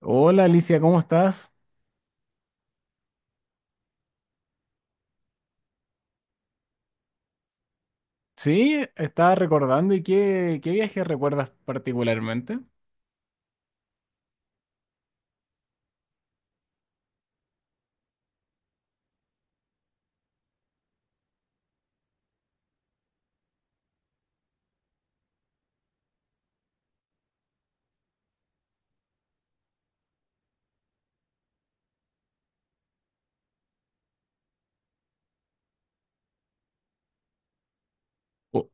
Hola Alicia, ¿cómo estás? Sí, estaba recordando y qué viaje recuerdas particularmente. O-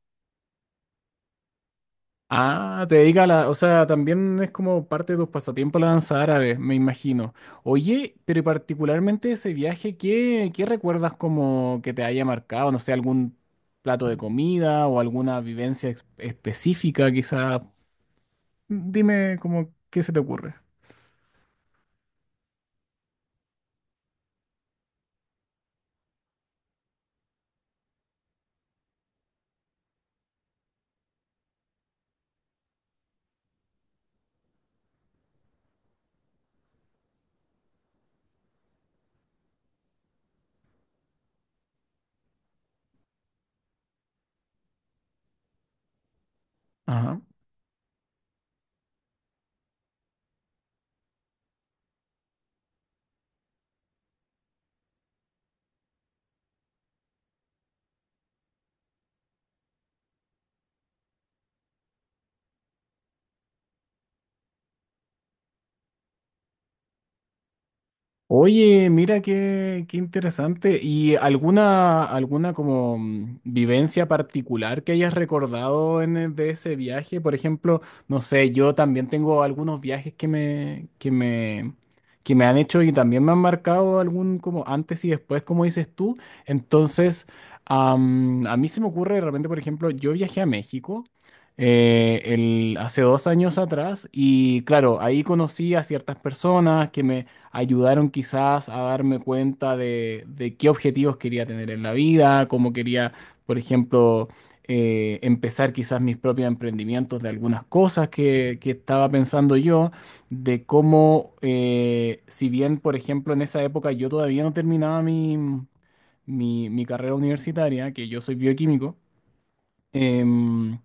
Te dedica a la, o sea, también es como parte de tus pasatiempos la danza árabe, me imagino. Oye, pero particularmente ese viaje, ¿qué recuerdas como que te haya marcado? No sé, algún plato de comida o alguna específica, quizá. Dime como qué se te ocurre. Ajá. Oye, mira qué interesante. ¿Y alguna como vivencia particular que hayas recordado en, de ese viaje? Por ejemplo, no sé, yo también tengo algunos viajes que me han hecho y también me han marcado algún como antes y después, como dices tú. Entonces, a mí se me ocurre de repente, por ejemplo, yo viajé a México. Hace dos años atrás y claro, ahí conocí a ciertas personas ayudaron quizás a darme cuenta de qué objetivos quería tener en la vida, cómo quería, por ejemplo, empezar quizás mis propios emprendimientos de algunas cosas que estaba pensando yo, de cómo, si bien, por ejemplo, en esa época yo todavía no terminaba mi carrera universitaria, que yo soy bioquímico. Em,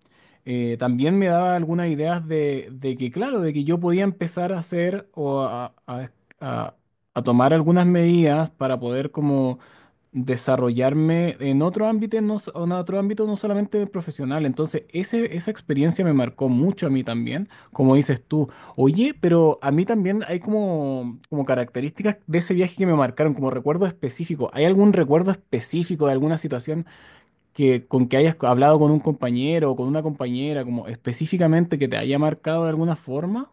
También me daba algunas ideas de que, claro, de que yo podía empezar a hacer o a- a tomar algunas medidas para poder como desarrollarme en otro ámbito, no, en otro ámbito no solamente el profesional. Entonces, esa experiencia me marcó mucho a mí también, como dices tú. Oye, pero a mí también hay como características de ese viaje que me marcaron, como recuerdo específico. ¿Hay algún recuerdo específico de alguna situación? Que con que hayas hablado con un compañero o con una compañera, como específicamente que te haya marcado de alguna forma?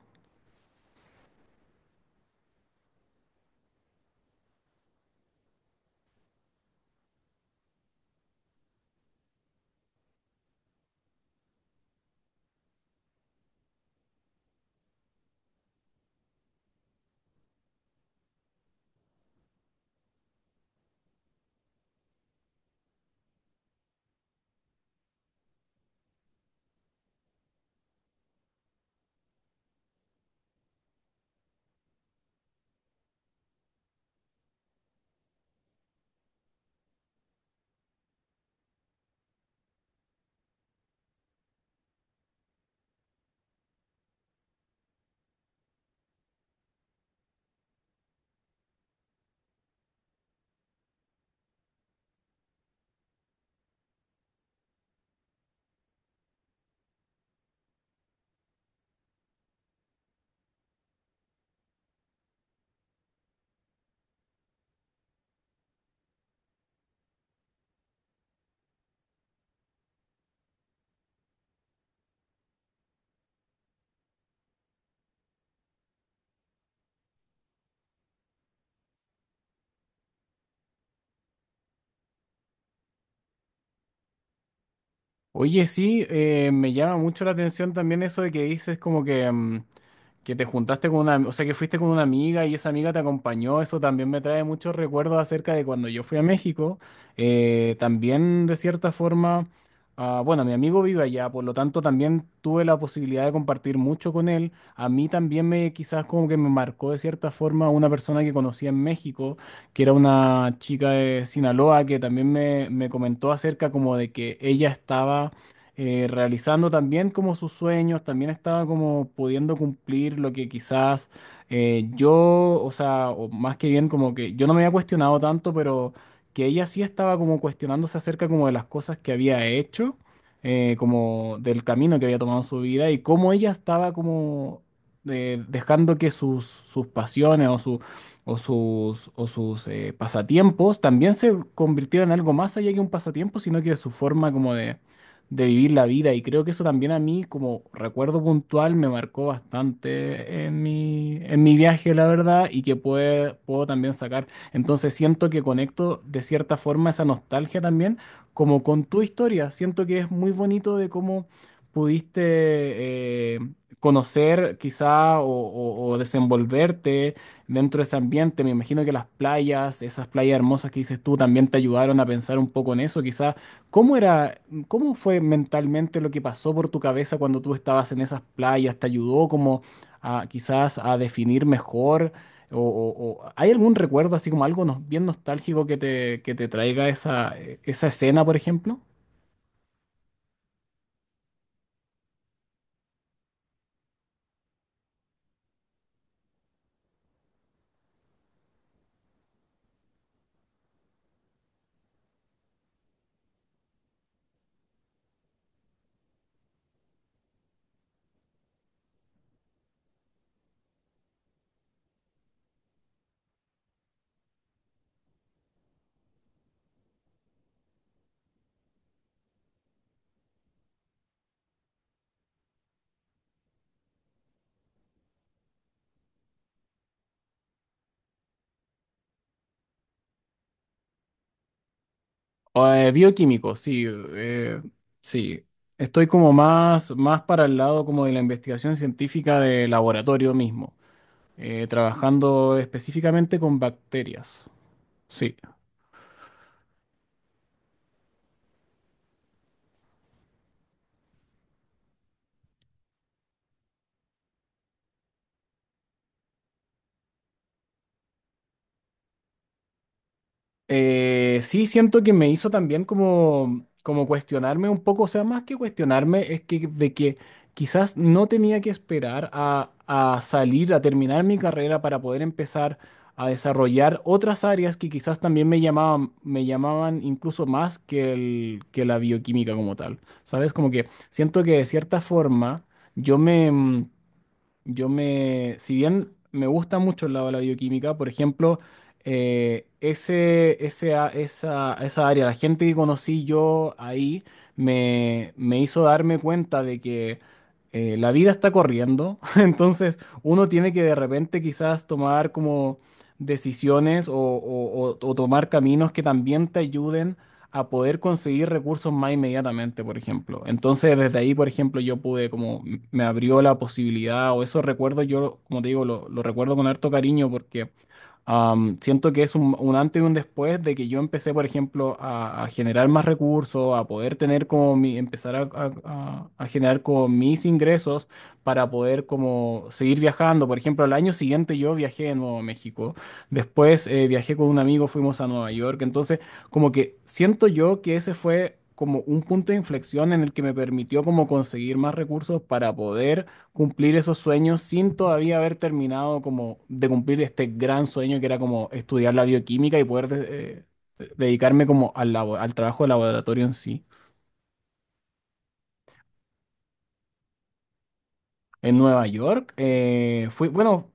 Oye, sí, me llama mucho la atención también eso de que dices como que, que te juntaste con una, o sea, que fuiste con una amiga y esa amiga te acompañó. Eso también me trae muchos recuerdos acerca de cuando yo fui a México. También, de cierta forma, bueno, mi amigo vive allá, por lo tanto también tuve la posibilidad de compartir mucho con él. A mí también me, quizás como que me marcó de cierta forma una persona que conocí en México que era una chica de Sinaloa que también me comentó acerca como de que ella estaba realizando también como sus sueños, también estaba como pudiendo cumplir lo que quizás eh, yo, o sea, o más que bien como que yo no me había cuestionado tanto, pero que ella sí estaba como cuestionándose acerca como de las cosas que había hecho, como del camino que había tomado en su vida y cómo ella estaba como... dejando que sus pasiones o su, o sus pasatiempos también se convirtieran en algo más allá que un pasatiempo, sino que su forma como de vivir la vida. Y creo que eso también a mí, como recuerdo puntual, me marcó bastante en en mi viaje, la verdad, y que puedo también sacar. Entonces siento que conecto de cierta forma esa nostalgia también, como con tu historia. Siento que es muy bonito de cómo pudiste... eh, conocer quizá o o desenvolverte dentro de ese ambiente. Me imagino que las playas, esas playas hermosas que dices tú, también te ayudaron a pensar un poco en eso. Quizá, ¿cómo era, cómo fue mentalmente lo que pasó por tu cabeza cuando tú estabas en esas playas? ¿Te ayudó como a quizás a definir mejor? O, ¿hay algún recuerdo así como algo bien nostálgico que te traiga esa, esa escena, por ejemplo? Bioquímico, sí, sí. Estoy como más para el lado como de la investigación científica de laboratorio mismo. Trabajando específicamente con bacterias. Sí. Sí, siento que me hizo también como cuestionarme un poco, o sea, más que cuestionarme, es que de que quizás no tenía que esperar a salir, a terminar mi carrera para poder empezar a desarrollar otras áreas que quizás también me llamaban incluso más que la bioquímica como tal. ¿Sabes? Como que siento que de cierta forma yo me... mm, Yo me, si bien me gusta mucho el lado de la bioquímica, por ejemplo, ese esa área, la gente que conocí yo ahí, me hizo darme cuenta de que la vida está corriendo, entonces uno tiene que de repente quizás tomar como decisiones o, o tomar caminos que también te ayuden a poder conseguir recursos más inmediatamente, por ejemplo. Entonces, desde ahí, por ejemplo, yo pude, como me abrió la posibilidad, o esos recuerdos, yo, como te digo, lo recuerdo con harto cariño porque Am, siento que es un antes y un después de que yo empecé, por ejemplo, a generar más recursos, a poder tener como mi, empezar a, a generar con mis ingresos para poder como seguir viajando. Por ejemplo, al año siguiente yo viajé de nuevo a México. Después viajé con un amigo, fuimos a Nueva York. Entonces, como que siento yo que ese fue como un punto de inflexión en el que me permitió como conseguir más recursos para poder cumplir esos sueños sin todavía haber terminado como de cumplir este gran sueño que era como estudiar la bioquímica y poder dedicarme como al, al trabajo de laboratorio en sí. En Nueva York, fui, bueno,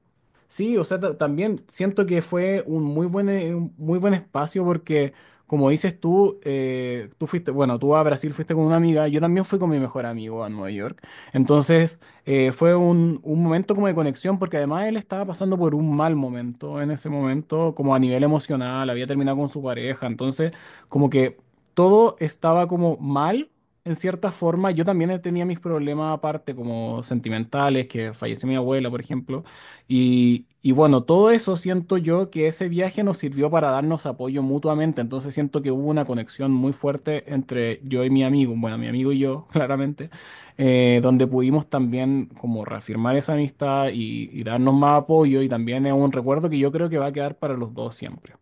sí, o sea, también siento que fue un muy buen espacio porque, como dices tú, tú fuiste, bueno, tú a Brasil fuiste con una amiga, yo también fui con mi mejor amigo a Nueva York, entonces fue un momento como de conexión porque además él estaba pasando por un mal momento en ese momento, como a nivel emocional, había terminado con su pareja, entonces como que todo estaba como mal en cierta forma, yo también tenía mis problemas aparte, como sentimentales, que falleció mi abuela, por ejemplo. Y bueno, todo eso siento yo que ese viaje nos sirvió para darnos apoyo mutuamente. Entonces siento que hubo una conexión muy fuerte entre yo y mi amigo, bueno, mi amigo y yo, claramente, donde pudimos también como reafirmar esa amistad y darnos más apoyo. Y también es un recuerdo que yo creo que va a quedar para los dos siempre.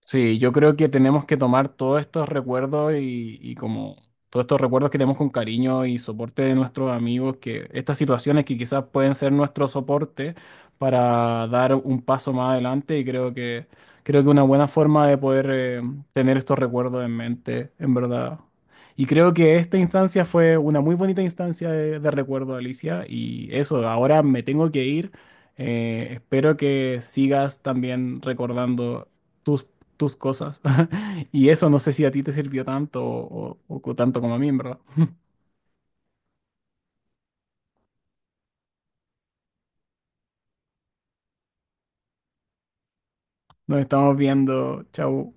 Sí, yo creo que tenemos que tomar todos estos recuerdos y como todos estos recuerdos que tenemos con cariño y soporte de nuestros amigos, que estas situaciones que quizás pueden ser nuestro soporte para dar un paso más adelante y creo que una buena forma de poder tener estos recuerdos en mente, en verdad. Y creo que esta instancia fue una muy bonita instancia de recuerdo, Alicia, y eso, ahora me tengo que ir. Espero que sigas también recordando tus tus cosas. Y eso no sé si a ti te sirvió tanto o, o tanto como a mí, en verdad. Nos estamos viendo. Chau.